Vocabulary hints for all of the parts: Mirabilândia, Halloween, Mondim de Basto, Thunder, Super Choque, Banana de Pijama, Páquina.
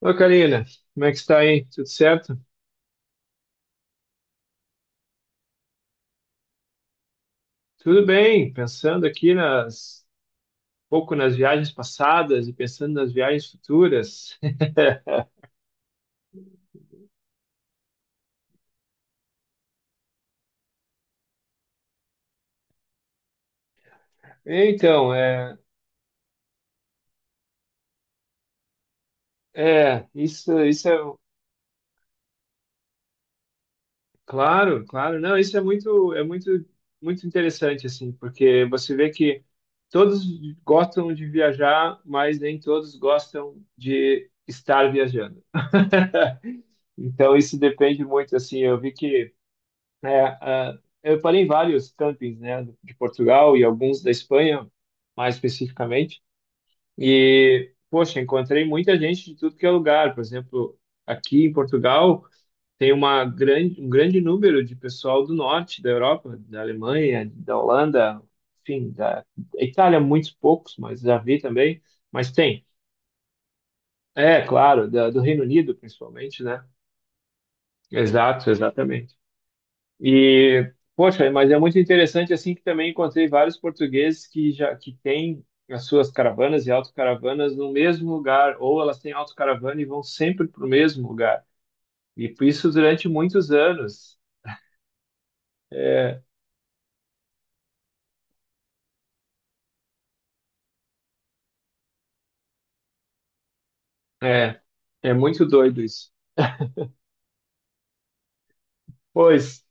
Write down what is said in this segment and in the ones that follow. Ô, Karina, como é que está aí? Tudo certo? Tudo bem, pensando aqui um pouco nas viagens passadas e pensando nas viagens futuras. Então, isso é, não, isso é muito, muito interessante, assim, porque você vê que todos gostam de viajar, mas nem todos gostam de estar viajando. Então, isso depende muito, assim, eu vi que eu parei em vários campings, né, de Portugal e alguns da Espanha, mais especificamente. E, poxa, encontrei muita gente de tudo que é lugar. Por exemplo, aqui em Portugal tem um grande número de pessoal do norte da Europa, da Alemanha, da Holanda, enfim, da Itália, muitos poucos, mas já vi também. Mas tem, é claro, do Reino Unido principalmente, né? Exato, exatamente. E, poxa, mas é muito interessante assim que também encontrei vários portugueses que têm as suas caravanas e autocaravanas no mesmo lugar, ou elas têm autocaravana e vão sempre para o mesmo lugar. E por isso durante muitos anos. É, é, é muito doido isso. Pois,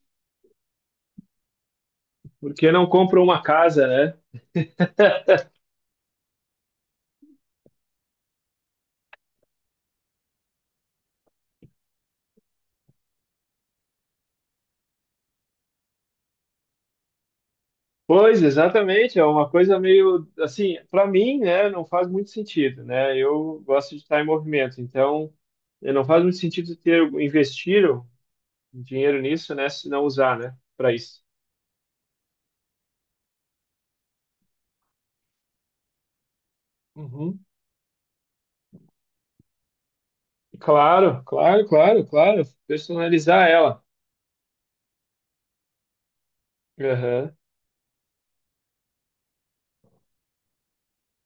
porque não compra uma casa, né? Pois, exatamente, é uma coisa meio assim, para mim, né, não faz muito sentido, né? Eu gosto de estar em movimento, então não faz muito sentido ter investir dinheiro nisso, né? Se não usar, né? Para isso. Uhum. Claro. Personalizar ela. Aham,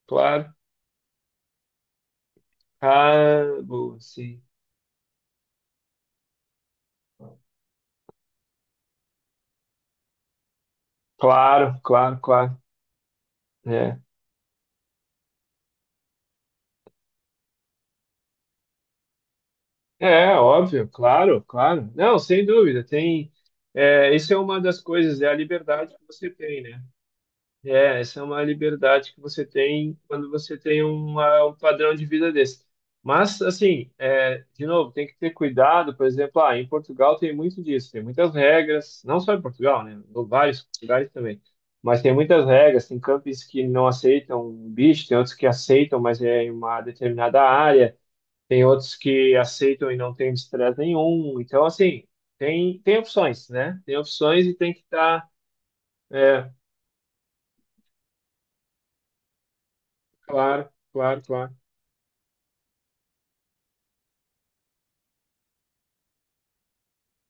claro. Ah, boa, sim. Claro. É. É, óbvio, claro. Não, sem dúvida, tem. É, isso é uma das coisas, é a liberdade que você tem, né? É, essa é uma liberdade que você tem quando você tem um padrão de vida desse. Mas, assim, é, de novo, tem que ter cuidado, por exemplo, ah, em Portugal tem muito disso, tem muitas regras, não só em Portugal, né, em vários lugares também, mas tem muitas regras, tem campings que não aceitam bicho, tem outros que aceitam, mas é em uma determinada área, tem outros que aceitam e não tem estresse nenhum, então, assim, tem opções, né, tem opções e tem que estar, é, claro.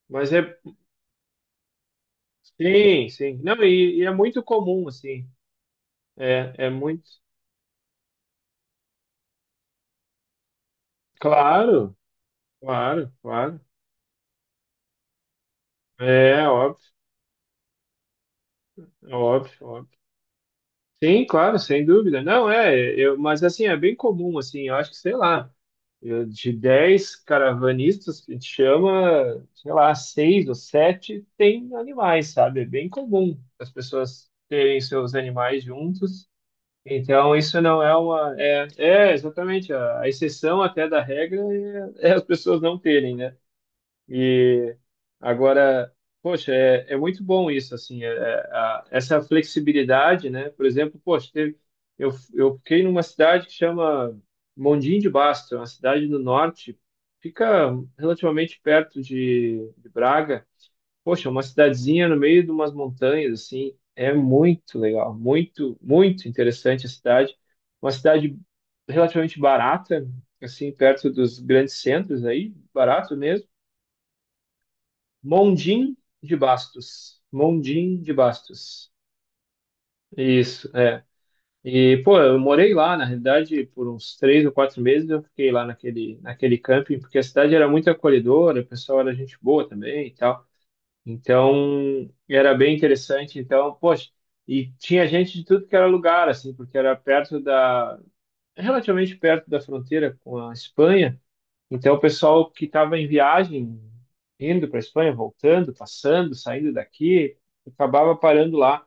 Mas é. Sim, sim. Não, e é muito comum, assim. É, é muito. Claro, claro. É óbvio, é óbvio, óbvio. Sim, claro, sem dúvida. Não, é, eu, mas assim, é bem comum, assim, eu acho que, sei lá, de 10 caravanistas que te chama, sei lá, seis ou sete tem animais, sabe? É bem comum as pessoas terem seus animais juntos. Então, isso não é uma. É, é exatamente. A exceção até da regra é, é as pessoas não terem, né? E agora, poxa, é muito bom isso, assim, essa flexibilidade, né? Por exemplo, poxa, teve, eu fiquei numa cidade que chama Mondim de Basto, é uma cidade no norte, fica relativamente perto de Braga. Poxa, uma cidadezinha no meio de umas montanhas, assim, é muito legal, muito interessante a cidade. Uma cidade relativamente barata, assim, perto dos grandes centros aí, barato mesmo. Mondim de Bastos. Mondim de Bastos. Isso, é. E, pô, eu morei lá, na realidade, por uns três ou quatro meses eu fiquei lá naquele camping, porque a cidade era muito acolhedora, o pessoal era gente boa também e tal. Então, era bem interessante. Então, poxa, e tinha gente de tudo que era lugar, assim, porque era perto relativamente perto da fronteira com a Espanha. Então, o pessoal que estava em viagem, indo para a Espanha, voltando, passando, saindo daqui, acabava parando lá.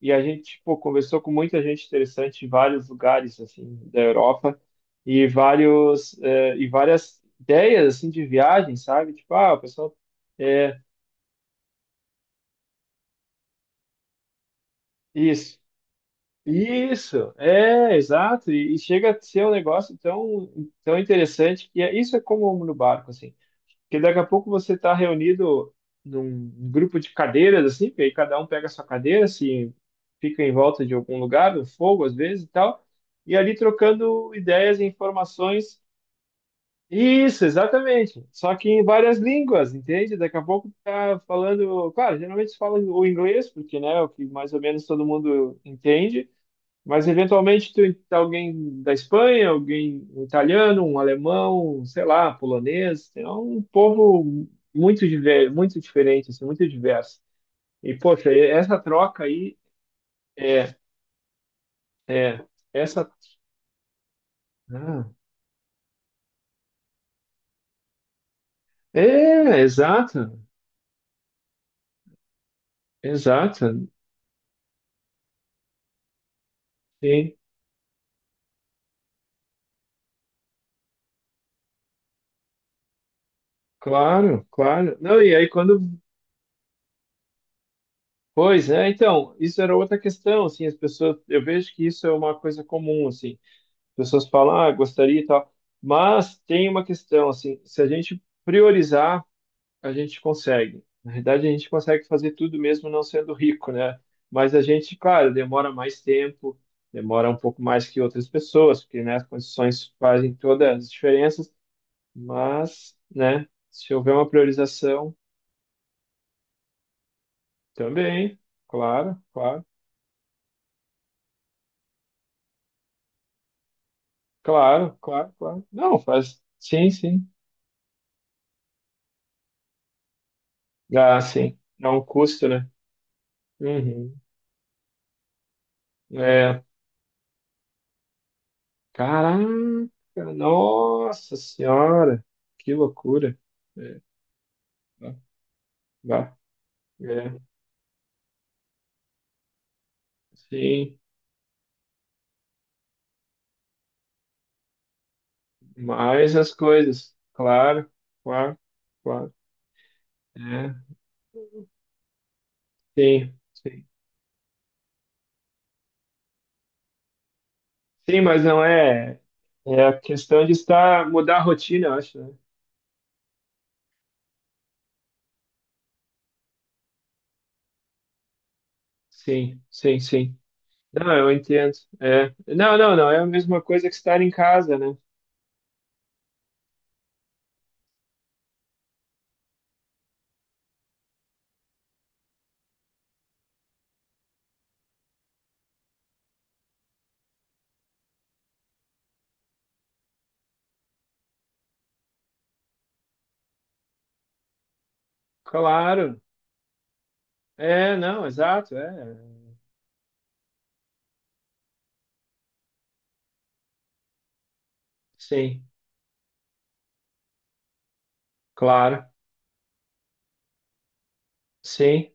E a gente, pô, conversou com muita gente interessante em vários lugares, assim, da Europa e vários, e várias ideias, assim, de viagem, sabe? Tipo, ah, o pessoal. É, isso. Isso, é, exato. E chega a ser um negócio tão, tão interessante que é, isso é como um no barco, assim. Porque daqui a pouco você está reunido num grupo de cadeiras, assim, porque aí cada um pega a sua cadeira, assim, fica em volta de algum lugar, no fogo às vezes e tal, e ali trocando ideias e informações. Isso, exatamente. Só que em várias línguas, entende? Daqui a pouco tá falando, claro, geralmente se fala o inglês, porque, né, é o que mais ou menos todo mundo entende. Mas eventualmente alguém da Espanha, alguém um italiano, um alemão, sei lá, polonês, é um povo muito diferente, assim, muito diverso. E poxa, e essa troca aí é é essa ah, é exato, exato. Sim, claro. Não, e aí quando pois, né? Então, isso era outra questão, assim, as pessoas, eu vejo que isso é uma coisa comum, assim. Pessoas falam, ah, gostaria e tal. Mas tem uma questão, assim, se a gente priorizar, a gente consegue. Na verdade, a gente consegue fazer tudo mesmo não sendo rico, né? Mas a gente, claro, demora mais tempo, demora um pouco mais que outras pessoas, porque, né, as condições fazem todas as diferenças, mas, né, se houver uma priorização, também, claro, claro, claro. Não, faz, sim, sim. Ah, sim, dá um custo, né? Uhum. É, caraca, nossa senhora, que loucura. É, tá, vá, é, sim, mais as coisas, claro, claro. É, sim, sim. Sim, mas não é, é a questão de estar, mudar a rotina, eu acho, né? Sim. Não, eu entendo. É. Não, é a mesma coisa que estar em casa, né? Claro. É, não, exato, é. Sim, claro. Sim.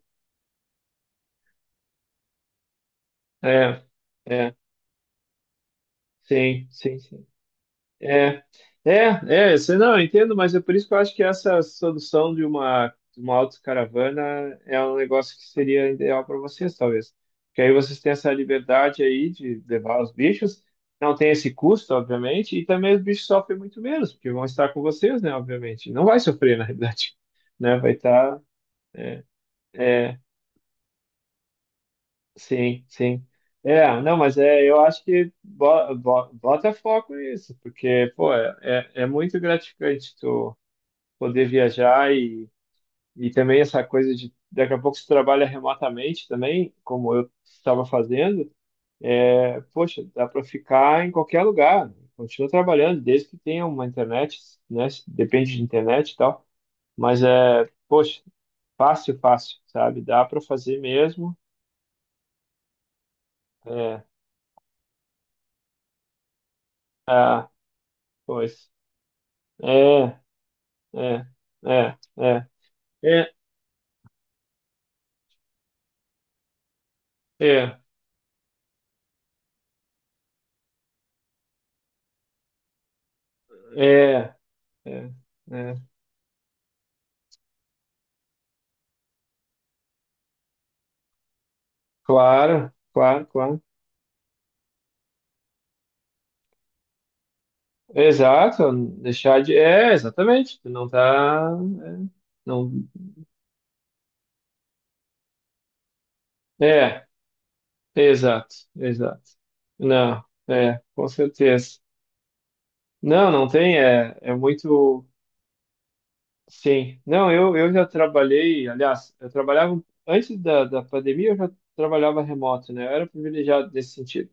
É, é, sim, sim. É, é, é, você não, eu entendo, mas é por isso que eu acho que essa solução de uma autocaravana é um negócio que seria ideal para vocês, talvez. Porque aí vocês têm essa liberdade aí de levar os bichos, não tem esse custo, obviamente, e também os bichos sofrem muito menos, porque vão estar com vocês, né, obviamente. Não vai sofrer, na realidade, né, vai estar. Sim, sim. É, não, mas é, eu acho que bota foco nisso, porque, pô, é, muito gratificante tu poder viajar e também essa coisa de daqui a pouco você trabalha remotamente também, como eu estava fazendo, é, poxa, dá para ficar em qualquer lugar, né? Continua trabalhando, desde que tenha uma internet, né? Depende de internet e tal, mas é, poxa, fácil, fácil, sabe? Dá para fazer mesmo. É, ah, pois. É, é, é, é, é, é, é, é, é. Claro. Exato, deixar de. É, exatamente. Não tá. É, não. É, exato, exato. Não, é, com certeza. Não, não tem, é, é muito. Sim. Não, eu já trabalhei, aliás, eu trabalhava. Antes da pandemia, eu já trabalhava remoto, né? Eu era privilegiado nesse sentido.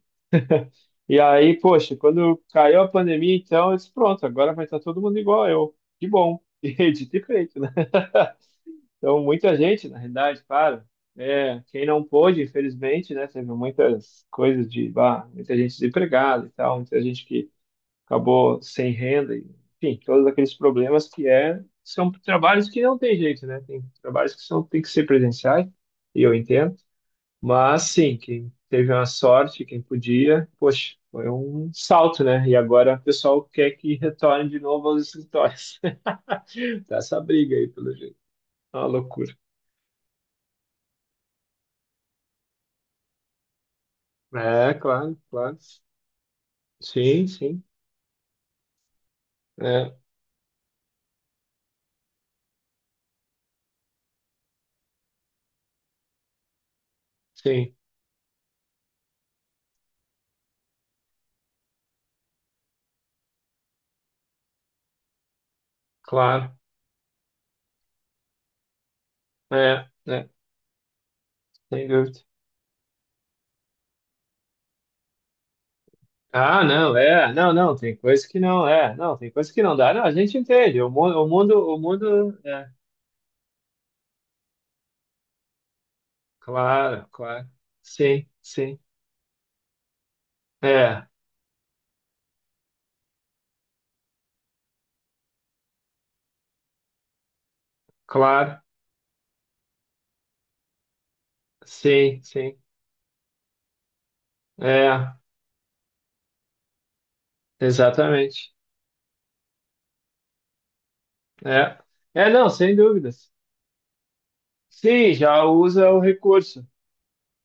E aí, poxa, quando caiu a pandemia, então eu disse, pronto, agora vai estar todo mundo igual eu. Que bom. E dito e feito, né? Então, muita gente, na realidade, claro. É, quem não pôde, infelizmente, né? Teve muitas coisas de, bah, muita gente desempregada e tal, muita gente que acabou sem renda, e, enfim, todos aqueles problemas que é, são trabalhos que não tem jeito, né? Tem trabalhos que são, tem que ser presenciais, e eu entendo. Mas sim, quem teve a sorte, quem podia, poxa, foi um salto, né? E agora o pessoal quer que retorne de novo aos escritórios. Tá essa briga aí, pelo jeito. É uma loucura. É, claro. Sim, sim. É, sim, claro. É, é, sem dúvida. Ah, não, é, não, tem coisa que não, é, não, tem coisa que não dá, não, a gente entende, o mundo, é, claro, sim, é, claro, sim, sim. É, exatamente. É. É, não, sem dúvidas. Sim, já usa o recurso.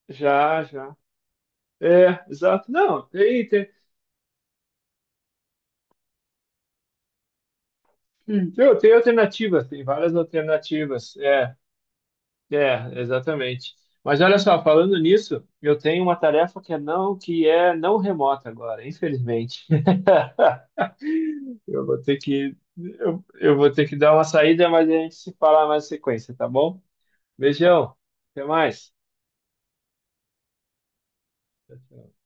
Já, já. É, exato. Não, tem, tem, hum, tem, tem alternativas, tem várias alternativas. Exatamente. Mas olha só, falando nisso, eu tenho uma tarefa que é não remota agora, infelizmente. Eu vou ter que, eu vou ter que dar uma saída, mas a gente se fala mais em sequência, tá bom? Beijão, até mais. Tchau, tchau.